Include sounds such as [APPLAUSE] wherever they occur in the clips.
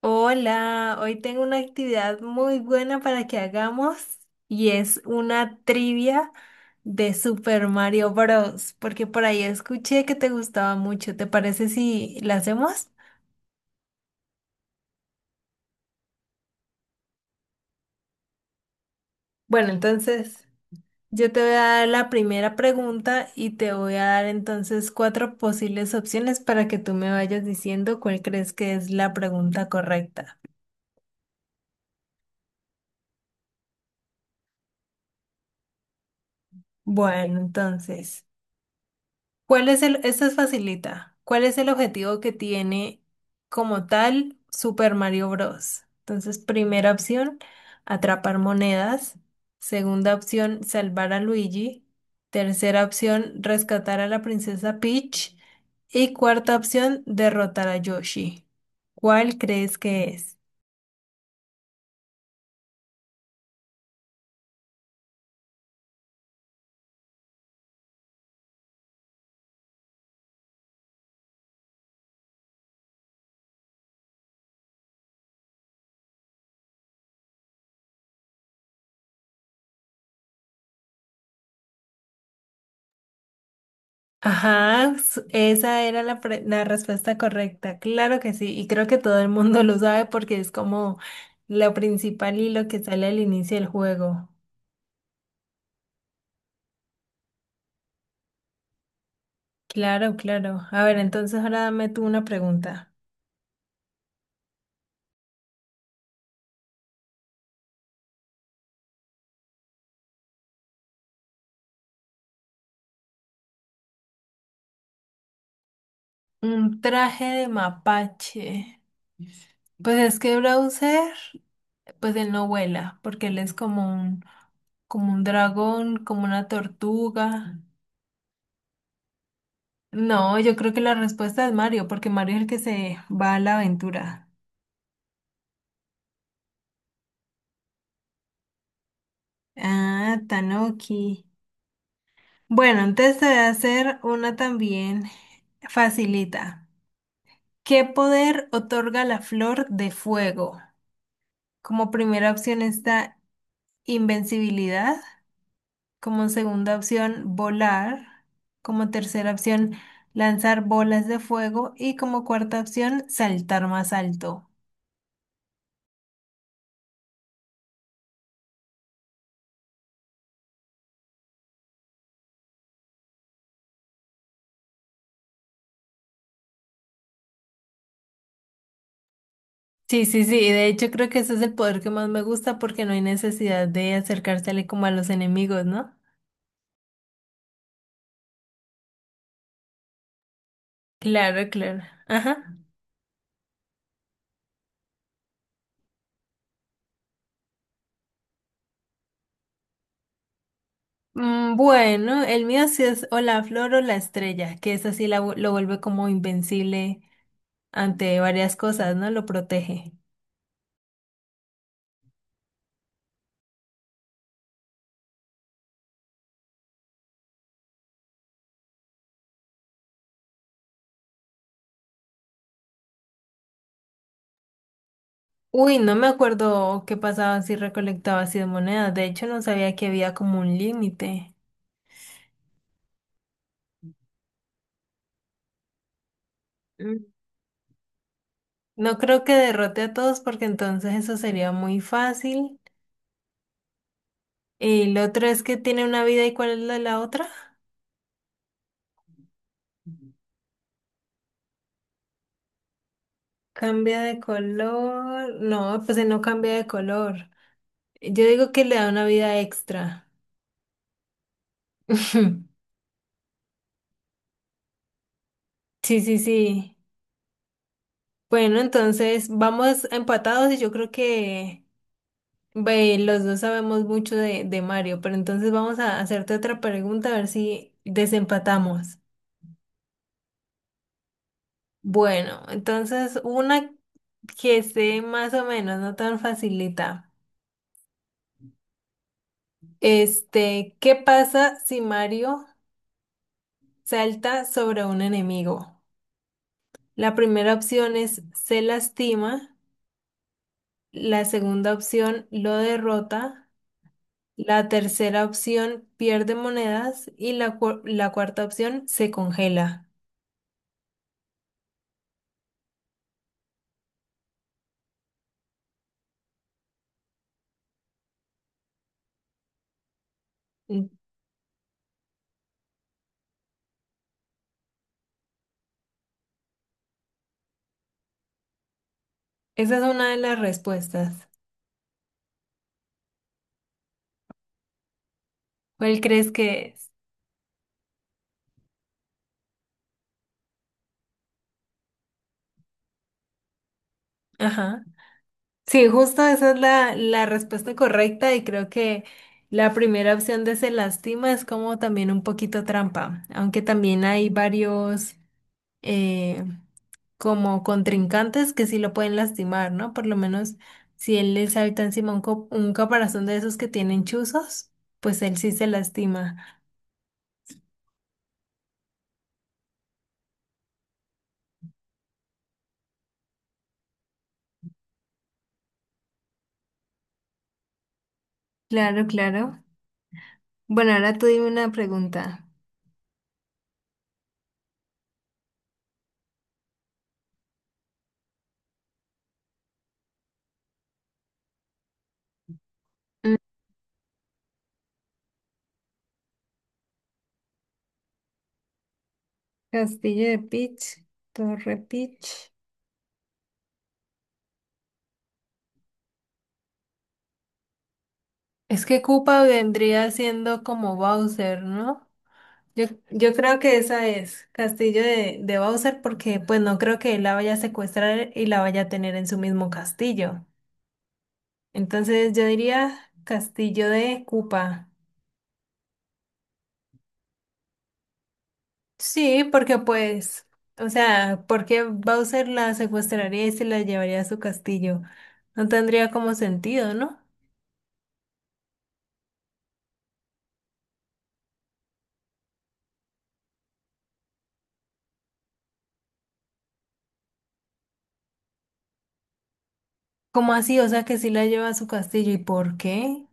Hola, hoy tengo una actividad muy buena para que hagamos y es una trivia de Super Mario Bros. Porque por ahí escuché que te gustaba mucho. ¿Te parece si la hacemos? Bueno, entonces yo te voy a dar la primera pregunta y te voy a dar entonces cuatro posibles opciones para que tú me vayas diciendo cuál crees que es la pregunta correcta. Bueno, entonces. ¿Cuál es esta es facilita. ¿Cuál es el objetivo que tiene como tal Super Mario Bros? Entonces, primera opción, atrapar monedas. Segunda opción, salvar a Luigi. Tercera opción, rescatar a la princesa Peach. Y cuarta opción, derrotar a Yoshi. ¿Cuál crees que es? Ajá, esa era la respuesta correcta, claro que sí, y creo que todo el mundo [LAUGHS] lo sabe porque es como lo principal y lo que sale al inicio del juego. Claro, claro. A ver, entonces ahora dame tú una pregunta. Un traje de mapache. Pues es que Browser, pues él no vuela, porque él es como un dragón, como una tortuga. No, yo creo que la respuesta es Mario, porque Mario es el que se va a la aventura. Ah, Tanoki. Bueno, entonces te voy a hacer una también facilita. ¿Qué poder otorga la flor de fuego? Como primera opción está invencibilidad, como segunda opción volar, como tercera opción lanzar bolas de fuego y como cuarta opción saltar más alto. Sí, sí, sí, y de hecho creo que ese es el poder que más me gusta porque no hay necesidad de acercársele como a los enemigos, ¿no? Claro, claro. Ajá. Bueno, el mío sí es o la flor o la estrella, que es así lo vuelve como invencible ante varias cosas, ¿no? Lo protege. Uy, no me acuerdo qué pasaba si recolectaba así de monedas. De hecho, no sabía que había como un límite. Mm. No creo que derrote a todos porque entonces eso sería muy fácil. Y lo otro es que tiene una vida y cuál es la otra. Cambia de color. No, pues él no cambia de color. Yo digo que le da una vida extra. [LAUGHS] Sí, sí, sí. Bueno, entonces vamos empatados y yo creo que ve, los dos sabemos mucho de Mario, pero entonces vamos a hacerte otra pregunta a ver si desempatamos. Bueno, entonces una que sé más o menos, no tan facilita. Este, ¿qué pasa si Mario salta sobre un enemigo? La primera opción es se lastima, la segunda opción lo derrota. La tercera opción pierde monedas y la cuarta opción se congela. Mm, esa es una de las respuestas. ¿Cuál crees que es? Ajá. Sí, justo esa es la respuesta correcta y creo que la primera opción de se lastima es como también un poquito trampa, aunque también hay varios eh, como contrincantes que sí lo pueden lastimar, ¿no? Por lo menos si él les habita encima un caparazón de esos que tienen chuzos, pues él sí se lastima. Claro, claro. Bueno, ahora tú dime una pregunta. Mm, Castillo de Peach, Torre Peach. Es que Koopa vendría siendo como Bowser, ¿no? Yo creo que esa es Castillo de Bowser porque pues no creo que él la vaya a secuestrar y la vaya a tener en su mismo castillo. Entonces yo diría Castillo de Koopa. Sí, porque pues, o sea, porque Bowser la secuestraría y se la llevaría a su castillo. No tendría como sentido, ¿no? ¿Cómo así? O sea, que sí la lleva a su castillo. ¿Y por qué?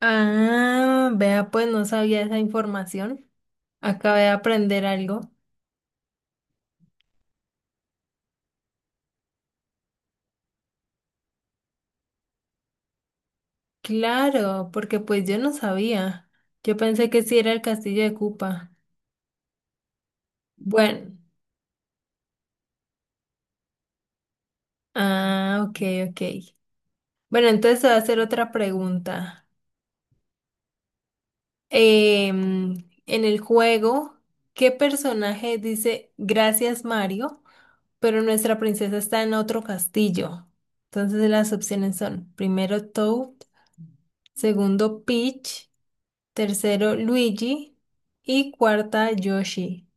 Ah, vea, pues no sabía esa información. Acabé de aprender algo. Claro, porque pues yo no sabía. Yo pensé que sí era el castillo de Koopa. Bueno, ah, ok, ok. Bueno, entonces te voy a hacer otra pregunta. Em, en el juego, ¿qué personaje dice gracias Mario, pero nuestra princesa está en otro castillo? Entonces las opciones son primero Toad, segundo Peach, tercero Luigi y cuarta Yoshi.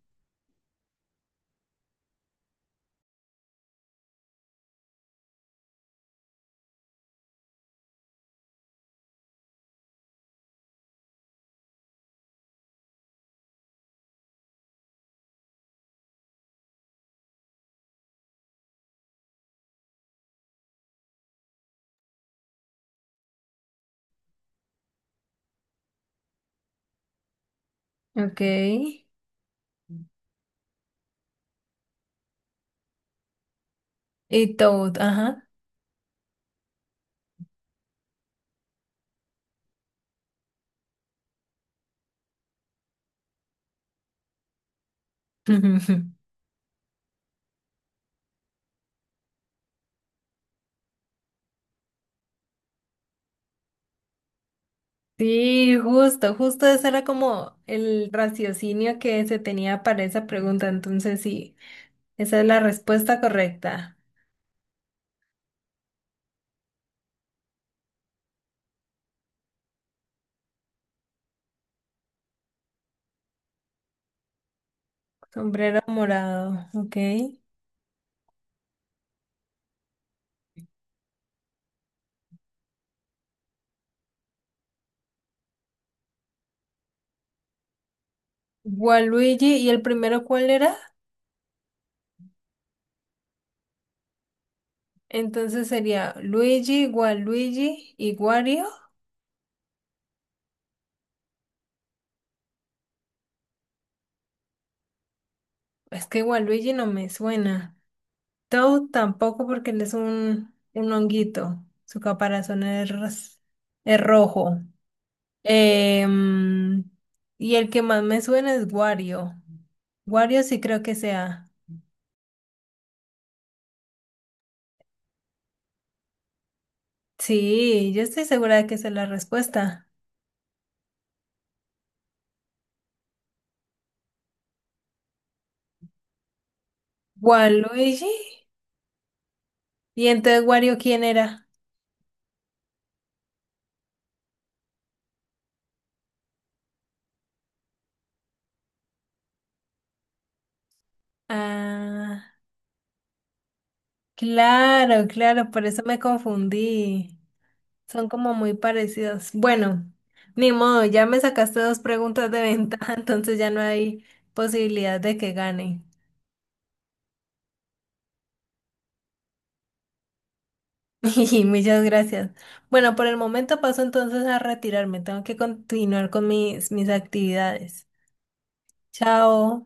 Ok. Y Toad, ajá. [LAUGHS] Sí, justo, justo ese era como el raciocinio que se tenía para esa pregunta. Entonces, sí, esa es la respuesta correcta. Sombrero morado, ok. Waluigi, ¿y el primero cuál era? Entonces sería Luigi, Waluigi y Wario. Es que Waluigi no me suena. Toad tampoco porque él es un honguito. Su caparazón es rojo. Em, y el que más me suena es Wario. Wario sí creo que sea. Sí, yo estoy segura de que esa es la respuesta. Waluigi. ¿Y entonces Wario quién era? Ah, claro, claro, por eso me confundí. Son como muy parecidos. Bueno, ni modo, ya me sacaste 2 preguntas de ventaja, [LAUGHS] entonces ya no hay posibilidad de que gane. [LAUGHS] Y muchas gracias. Bueno, por el momento paso entonces a retirarme. Tengo que continuar con mis actividades. Chao.